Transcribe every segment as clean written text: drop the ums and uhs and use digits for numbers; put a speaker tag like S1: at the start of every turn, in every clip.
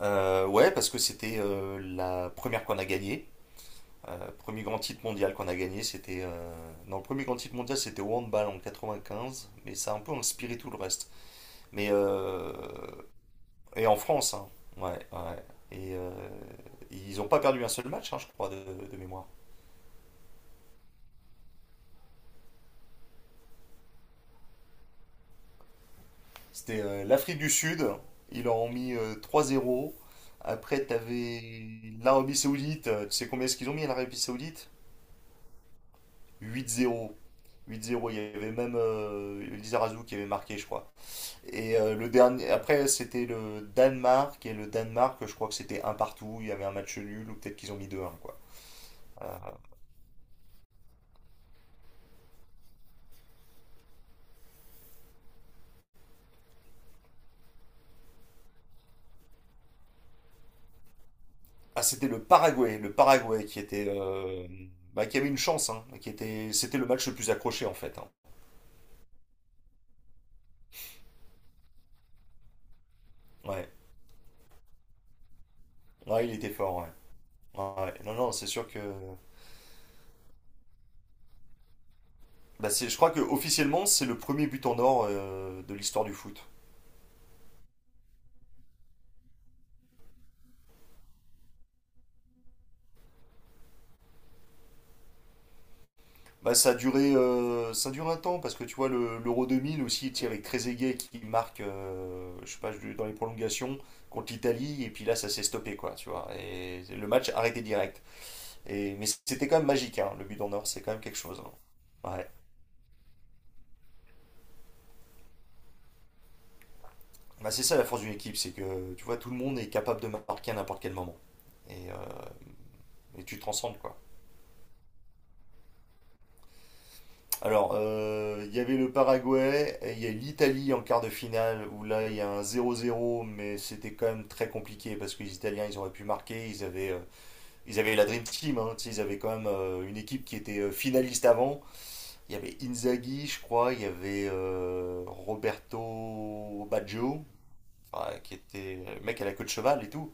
S1: Ouais, parce que c'était la première qu'on a gagnée. Premier grand titre mondial qu'on a gagné, c'était. Non, le premier grand titre mondial, c'était au handball en 95, mais ça a un peu inspiré tout le reste. Mais. euh, Et en France, hein. Ouais, ouais. Et euh, Ils n'ont pas perdu un seul match, hein, je crois, de mémoire. C'était l'Afrique du Sud, ils leur ont mis 3-0. Après, t'avais l'Arabie Saoudite, tu sais combien est-ce qu'ils ont mis à l'Arabie Saoudite? 8-0. 8-0, il y avait même Lizarazu qui avait marqué, je crois. Le dernier, après, c'était le Danemark, et le Danemark, je crois que c'était un partout, il y avait un match nul, ou peut-être qu'ils ont mis deux 1 quoi. Euh, Ah, c'était le Paraguay qui était, bah, qui avait une chance, hein, qui était, c'était le match le plus accroché, en fait, hein. Ouais, ouais, il était fort, ouais. Ouais, ouais, non, non, c'est sûr que, bah, c'est, je crois que officiellement, c'est le premier but en or de l'histoire du foot. Bah, ça a duré, ça dure un temps parce que tu vois l'Euro 2000 aussi, tu sais, avec Trezeguet qui marque, je sais pas, dans les prolongations contre l'Italie, et puis là ça s'est stoppé quoi, tu vois. Et le match arrêté direct. Et mais c'était quand même magique, hein, le but d'en or, c'est quand même quelque chose, hein. Ouais. Bah, c'est ça la force d'une équipe, c'est que tu vois tout le monde est capable de marquer à n'importe quel moment et, euh, et tu te transcendes quoi. Alors, il y avait le Paraguay, et il y a l'Italie en quart de finale, où là, il y a un 0-0, mais c'était quand même très compliqué, parce que les Italiens, ils auraient pu marquer, ils avaient la Dream Team, hein, tu sais, ils avaient quand même une équipe qui était finaliste avant. Il y avait Inzaghi, je crois, il y avait Roberto Baggio, enfin, qui était le mec à la queue de cheval et tout.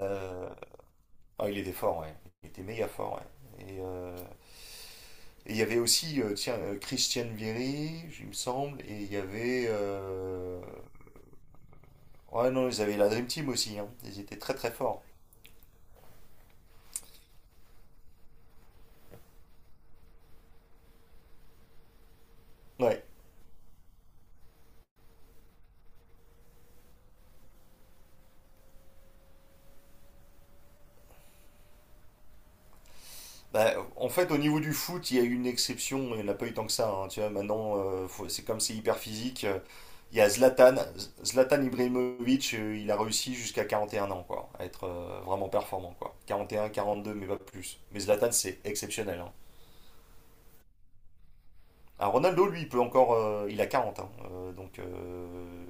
S1: Euh, il était fort, ouais. Il était méga fort, ouais. Et euh, Et il y avait aussi, tiens, Christiane Vieri, il me semble, et il y avait. Ouais, non, ils avaient la Dream Team aussi, hein. Ils étaient très très forts. Ouais. Bah, en fait, au niveau du foot, il y a eu une exception, il n'y en a pas eu tant que ça, hein. Tu vois, maintenant, c'est comme c'est hyper physique. Il y a Zlatan, Zlatan Ibrahimovic, il a réussi jusqu'à 41 ans, quoi, à être vraiment performant, quoi. 41, 42, mais pas plus. Mais Zlatan, c'est exceptionnel, hein. Ah, Ronaldo, lui, il peut encore, il a 40, hein, donc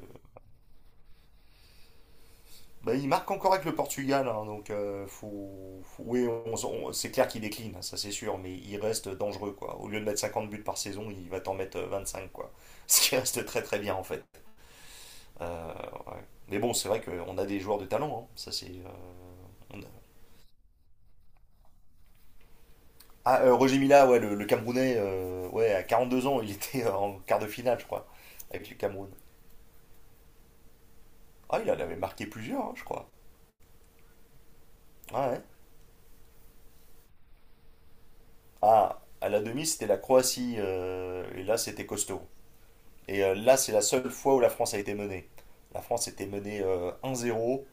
S1: bah, il marque encore avec le Portugal, hein, donc oui, c'est clair qu'il décline, ça c'est sûr, mais il reste dangereux quoi. Au lieu de mettre 50 buts par saison, il va t'en mettre 25 quoi. Ce qui reste très très bien en fait. Euh, ouais. Mais bon, c'est vrai qu'on a des joueurs de talent, hein, ça c'est. On a- Ah, Roger Mila, ouais, le Camerounais, ouais, à 42 ans, il était en quart de finale, je crois, avec le Cameroun. Ah, il en avait marqué plusieurs, hein, je crois. Ouais, ouais. Ah, à la demi, c'était la Croatie, et là, c'était costaud. Là, c'est la seule fois où la France a été menée. La France était menée 1-0,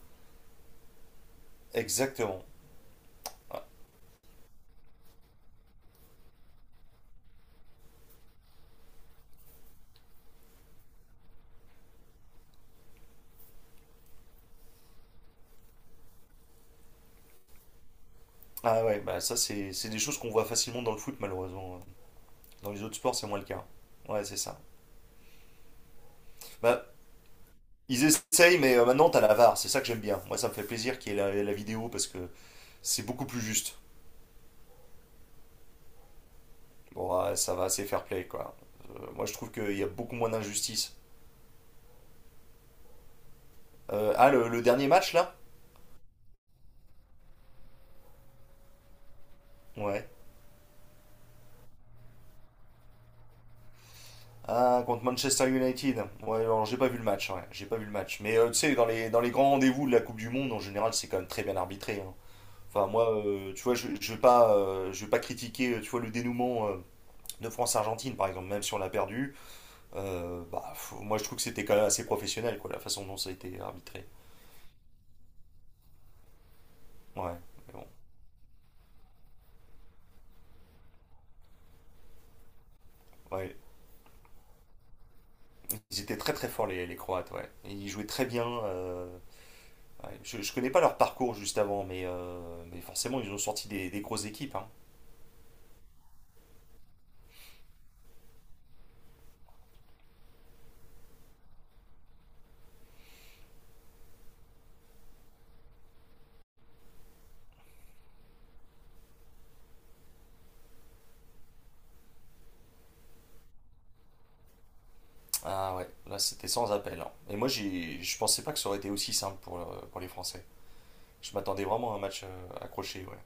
S1: exactement. Ah ah ouais, bah ça, c'est des choses qu'on voit facilement dans le foot, malheureusement. Dans les autres sports, c'est moins le cas. Ouais, c'est ça. Bah, ils essayent, mais maintenant, t'as la VAR, c'est ça que j'aime bien. Moi, ça me fait plaisir qu'il y ait la vidéo parce que c'est beaucoup plus juste. Bon, ah, ça va, c'est fair play, quoi. Moi, je trouve qu'il y a beaucoup moins d'injustice. Le dernier match, là? Ouais. Ah, contre Manchester United. Ouais, alors j'ai pas vu le match, ouais, j'ai pas vu le match. Mais tu sais, dans les grands rendez-vous de la Coupe du Monde, en général, c'est quand même très bien arbitré, hein. Enfin, moi, tu vois, je vais pas, je vais pas critiquer, tu vois, le dénouement de France-Argentine, par exemple, même si on l'a perdu. Moi, je trouve que c'était quand même assez professionnel, quoi, la façon dont ça a été arbitré. Ouais, mais bon. Ouais, ils étaient très très forts les Croates, ouais. Ils jouaient très bien. Ouais. Je connais pas leur parcours juste avant, mais, mais forcément ils ont sorti des grosses équipes, hein. Ah ouais, là c'était sans appel, hein. Et moi je pensais pas que ça aurait été aussi simple pour, pour les Français. Je m'attendais vraiment à un match accroché, ouais.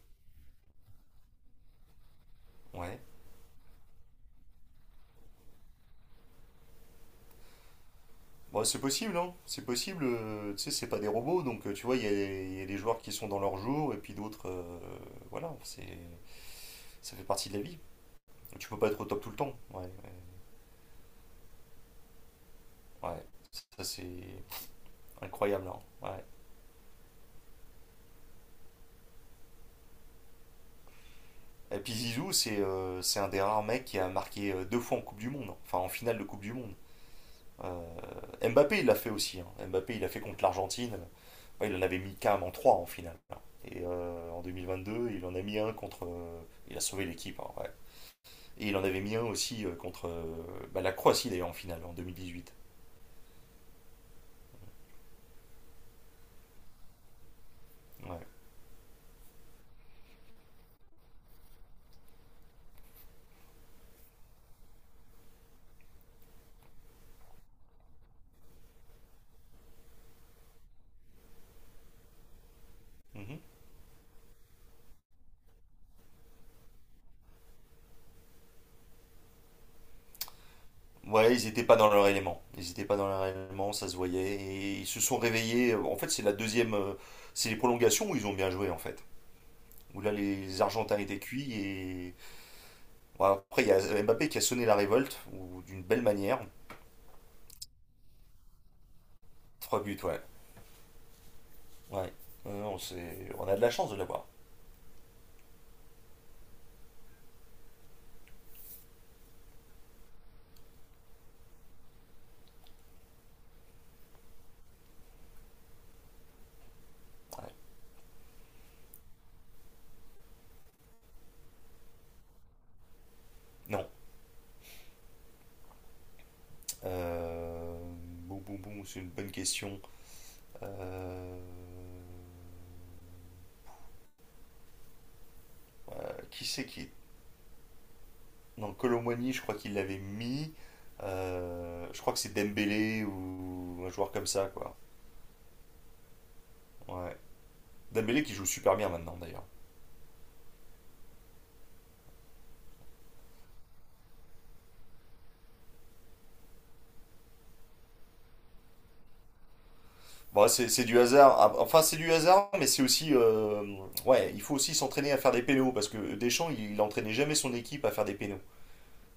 S1: Ouais. Bon, c'est possible, hein. C'est possible, tu sais, c'est pas des robots, donc tu vois, il y a des joueurs qui sont dans leur jour et puis d'autres, voilà, ça fait partie de la vie. Tu peux pas être au top tout le temps, ouais. Ouais, ouais, ça c'est incroyable, hein. Ouais. Et puis Zizou, c'est un des rares mecs qui a marqué deux fois en Coupe du Monde, hein. Enfin en finale de Coupe du Monde. Euh, Mbappé, il l'a fait aussi, hein. Mbappé, il l'a fait contre l'Argentine. Ouais, il en avait mis carrément 3 en finale, hein. En 2022, il en a mis un contre. Il a sauvé l'équipe, hein, ouais. Et il en avait mis un aussi contre bah, la Croatie, d'ailleurs, en finale, en 2018. Ouais. Mhm. Ouais, ils n'étaient pas dans leur élément. Ils n'étaient pas dans leur élément, ça se voyait. Et ils se sont réveillés. En fait, c'est la deuxième. C'est les prolongations où ils ont bien joué, en fait. Où là, les Argentins étaient cuits. Bon, après, il y a Mbappé qui a sonné la révolte, ou d'une belle manière. Trois buts, ouais. Ouais. On a de la chance de l'avoir. Ouais. Non. Euh, Boum, boum, boum, c'est une bonne question. Euh, Qui c'est qui est. Non, Colomboigny, je crois qu'il l'avait mis. Je crois que c'est Dembélé ou un joueur comme ça, quoi. Ouais. Dembélé qui joue super bien maintenant, d'ailleurs. Bon, c'est du hasard. Ah, enfin, c'est du hasard, mais c'est aussi. Ouais, il faut aussi s'entraîner à faire des pénaux parce que Deschamps, il entraînait jamais son équipe à faire des pénaux.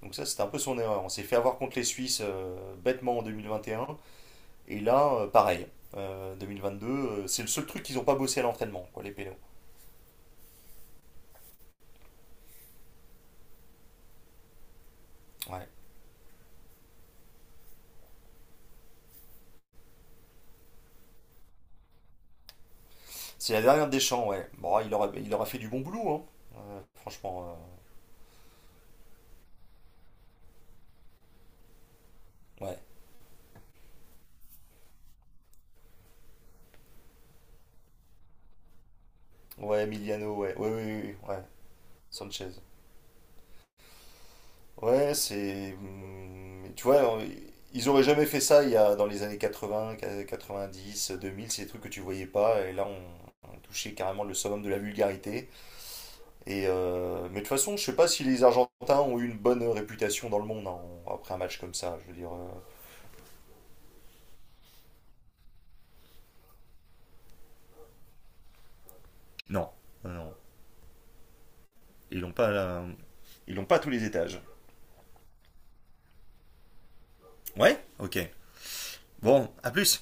S1: Donc ça, c'était un peu son erreur. On s'est fait avoir contre les Suisses bêtement en 2021. Et un. Et là, pareil. 2022, c'est le seul truc qu'ils n'ont pas bossé à l'entraînement, quoi, les pélos. Ouais. C'est la dernière des champs, ouais. Bon, il aura fait du bon boulot, hein. Franchement, ouais. Ouais, Emiliano, ouais. Ouais, ouais, ouais, ouais. Sanchez. Ouais, c'est. Tu vois, ils auraient jamais fait ça dans les années 80, 90, 2000, c'est des trucs que tu voyais pas. Et là, on touchait carrément le summum de la vulgarité. Mais de toute façon, je sais pas si les Argentins ont eu une bonne réputation dans le monde, hein, après un match comme ça. Je veux dire, non, non, non, ils l'ont pas, ils l'ont pas à tous les étages. Ouais, ok. Bon, à plus.